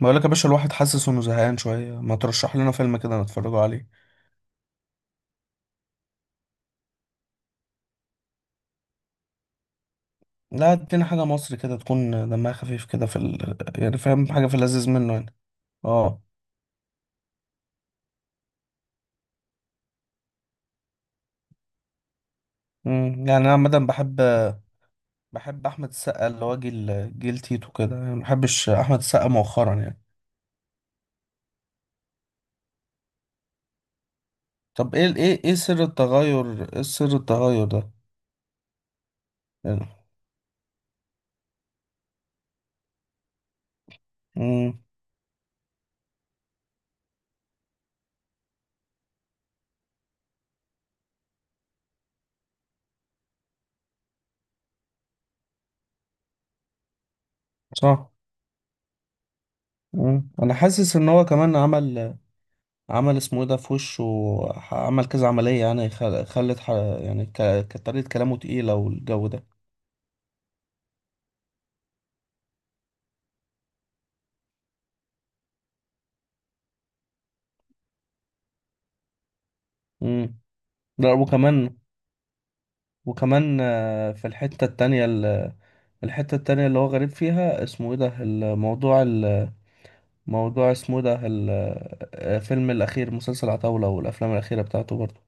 بقولك يا باشا، الواحد حاسس انه زهقان شوية. ما ترشح لنا فيلم كده نتفرجوا عليه؟ لا، ادينا حاجة مصري كده تكون دمها خفيف كده يعني فاهم، حاجة في اللذيذ منه يعني. اه. يعني انا عامة بحب. احمد السقا اللي هو جيل تيتو كده، يعني ما بحبش احمد السقا مؤخرا يعني. طب ايه ايه سر التغير ايه سر التغير ده؟ يعني. امم صح. انا حاسس ان هو كمان عمل. اسمه ايه ده في وشه، عمل كذا عملية يعني. خلت. يعني. كانت طريقة كلامه تقيلة والجو ده. امم لا، وكمان في الحتة التانية. الحتة التانية اللي هو غريب فيها، اسمه ايه ده الموضوع اسمه إيه ده؟ الفيلم الأخير مسلسل عتاولة والأفلام الأخيرة بتاعته برضه.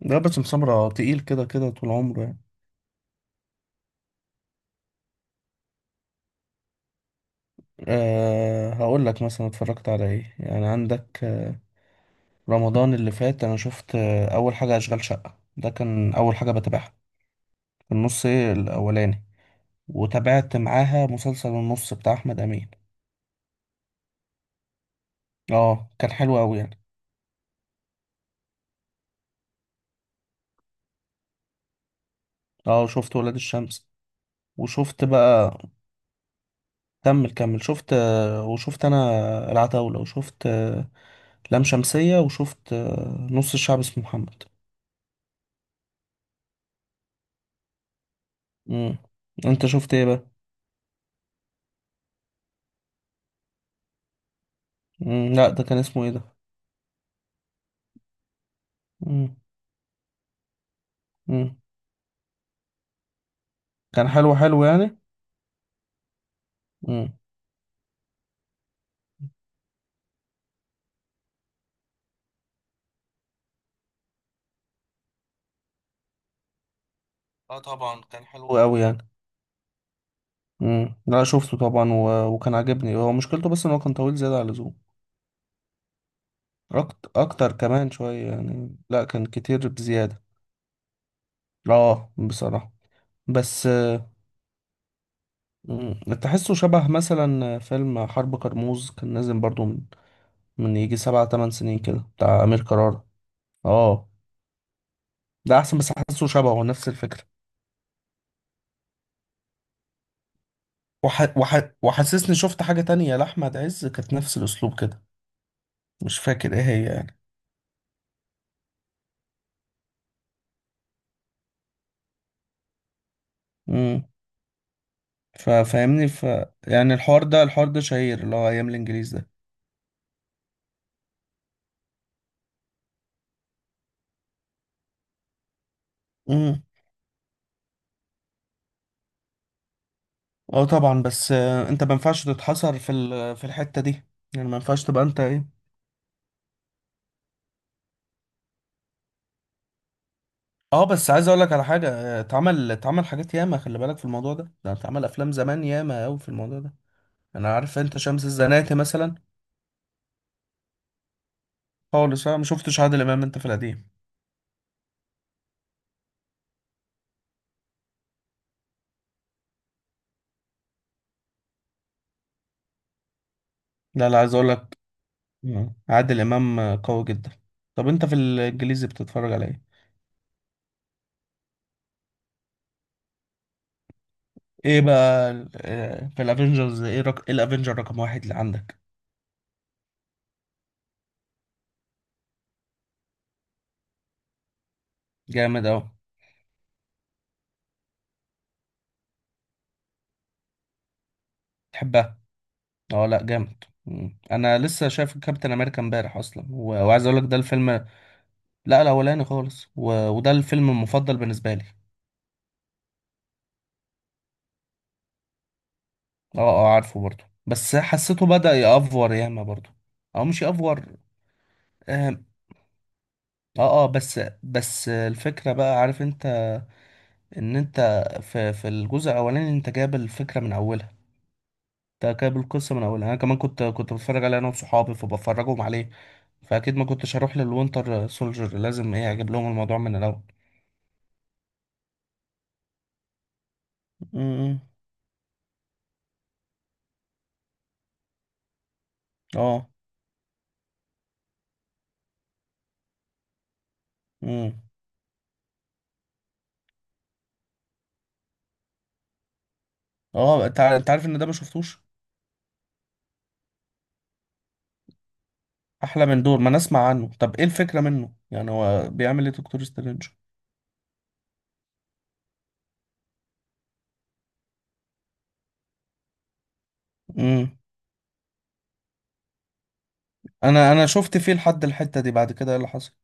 ده بس مسمرة تقيل كده كده طول عمره يعني. أه، هقول لك مثلا اتفرجت على ايه يعني. عندك رمضان اللي فات انا شفت اول حاجه اشغال شقه، ده كان اول حاجه بتابعها. في النص، ايه الاولاني؟ وتابعت معاها مسلسل النص بتاع احمد امين. اه كان حلو قوي يعني. اه، شفت ولاد الشمس، وشفت بقى. كمل كمل. شفت انا العتاوله، وشفت لام شمسيه، وشفت نص الشعب اسمه محمد. مم. انت شفت ايه بقى؟ مم. لا، ده كان اسمه ايه ده؟ مم. مم. كان حلو حلو يعني. مم. اه طبعا، كان حلو قوي يعني. لا شفته طبعا وكان عاجبني، هو مشكلته بس ان هو كان طويل زيادة عن اللزوم. اكتر كمان شوية يعني، لا كان كتير بزيادة. اه بصراحة. بس، مم، تحسه شبه مثلا فيلم حرب كرموز كان نازل برضو من يجي 7 8 سنين كده بتاع أمير كرارة. اه، ده أحسن، بس حاسه شبهه نفس الفكرة. وحسسني شفت حاجة تانية لأحمد عز كانت نفس الأسلوب كده، مش فاكر إيه هي يعني. مم. ففاهمني ف يعني الحوار ده شهير اللي هو ايام الانجليز ده. امم اه طبعا، بس انت ما ينفعش تتحصر في في الحتة دي، يعني ما ينفعش تبقى انت ايه. اه، بس عايز اقول لك على حاجة. اتعمل حاجات ياما، خلي بالك في الموضوع ده اتعمل افلام زمان ياما قوي في الموضوع ده. انا عارف، انت شمس الزناتي مثلا، خالص انا ما شفتش عادل امام انت في القديم. لا لا، عايز اقول لك. مم. عادل امام قوي جدا. طب انت في الانجليزي بتتفرج على ايه؟ ايه بقى في الافنجرز، إيه الافنجر رقم واحد اللي عندك؟ جامد اوي. تحبها؟ اه لا، جامد. مم. انا لسه شايف كابتن امريكا امبارح اصلا وعايز اقول لك ده الفيلم. لا الاولاني خالص، وده الفيلم المفضل بالنسبه لي. اه اه، عارفه برضه، بس حسيته بدأ يأفور ياما برضه، او مش يأفور. اه اه، بس الفكره بقى، عارف انت ان انت في الجزء الاولاني انت جايب الفكره من اولها، تكاب القصة من أولها. أنا كمان كنت بتفرج عليه أنا وصحابي فبفرجهم عليه. فأكيد ما كنتش هروح للوينتر سولجر، لازم إيه، أجيب لهم الموضوع من الأول. امم اه. امم اه، انت انت عارف ان ده ما شفتوش، احلى من دور ما نسمع عنه. طب ايه الفكره منه يعني، هو بيعمل ايه دكتور سترينج؟ امم انا شفت فيه لحد الحته دي، بعد كده ايه اللي حصل؟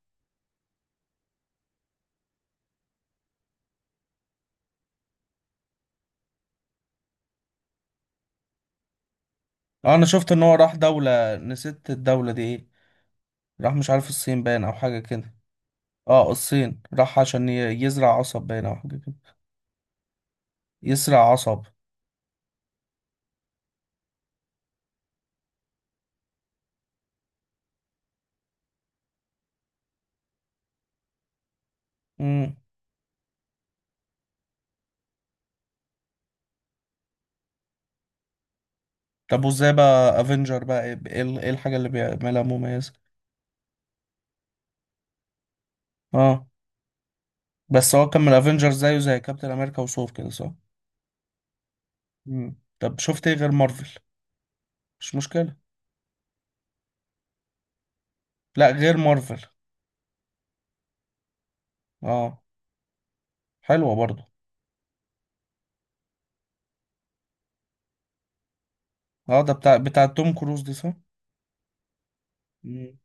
اه، انا شفت ان هو راح دوله، نسيت الدوله دي ايه، راح مش عارف الصين باين او حاجه كده. اه الصين، راح عشان يزرع قصب باين او حاجه كده، يسرق عصب. امم طب وازاي بقى افنجر بقى، ايه ايه الحاجة اللي بيعملها مميزة؟ اه، بس هو كان من افنجر زيه زي كابتن امريكا وثور كده، صح؟ طب شفت ايه غير مارفل؟ مش مشكلة. لا، غير مارفل. اه. حلوة برضو. اه ده بتاع توم كروز دي، صح؟ امم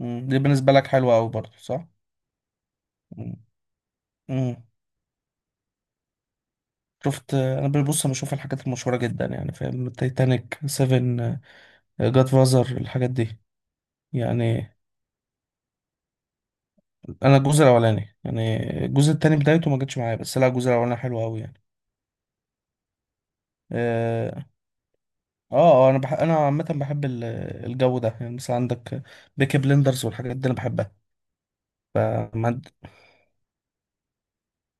دي بالنسبة لك حلوة قوي برضو، صح؟ امم امم شفت انا، ببص بشوف الحاجات المشهورة جدا يعني، فاهم، تايتانيك، سيفن، جاد فازر، الحاجات دي. يعني انا الجزء الاولاني، يعني الجزء التاني بدايته ما جاتش معايا، بس لا الجزء الاولاني حلو قوي يعني. اه اه، انا. انا عامه بحب الجو ده، يعني مثلا عندك بيكي بلندرز والحاجات دي انا بحبها. فما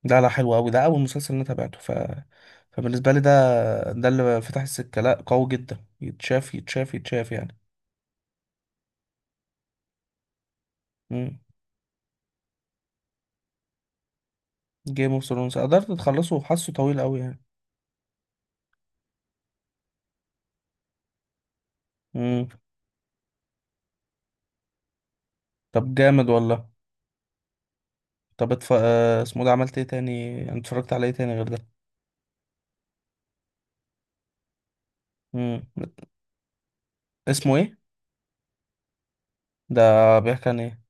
ده، لا حلو قوي، ده اول مسلسل انا تابعته. فبالنسبه لي ده، اللي فتح السكه. لا قوي جدا، يتشاف يتشاف يتشاف يعني. جيم اوف ثرونز قدرت تخلصه؟ وحاسه طويل قوي يعني. مم. طب جامد والله. طب اسمه ده، عملت ايه تاني يعني، اتفرجت على ايه تاني غير ده؟ مم. اسمه ايه ده؟ بيحكي عن ايه؟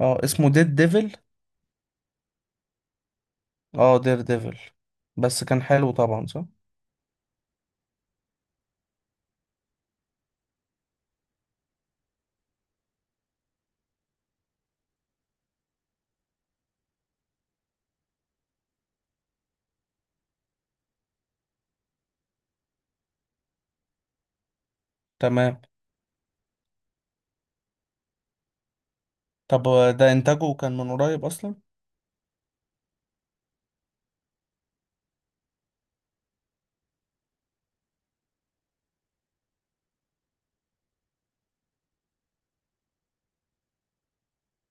اه اسمه ديد ديفل. اه دير ديفل، بس كان حلو طبعا، صح؟ تمام. طب ده انتاجه كان من قريب اصلا؟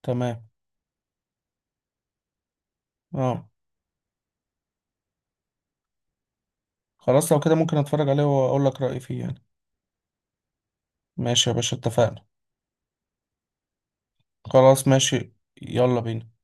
تمام. اه. خلاص لو كده ممكن اتفرج عليه واقول لك رأيي فيه يعني. ماشي يا باشا، اتفقنا. خلاص ماشي. يلا بينا.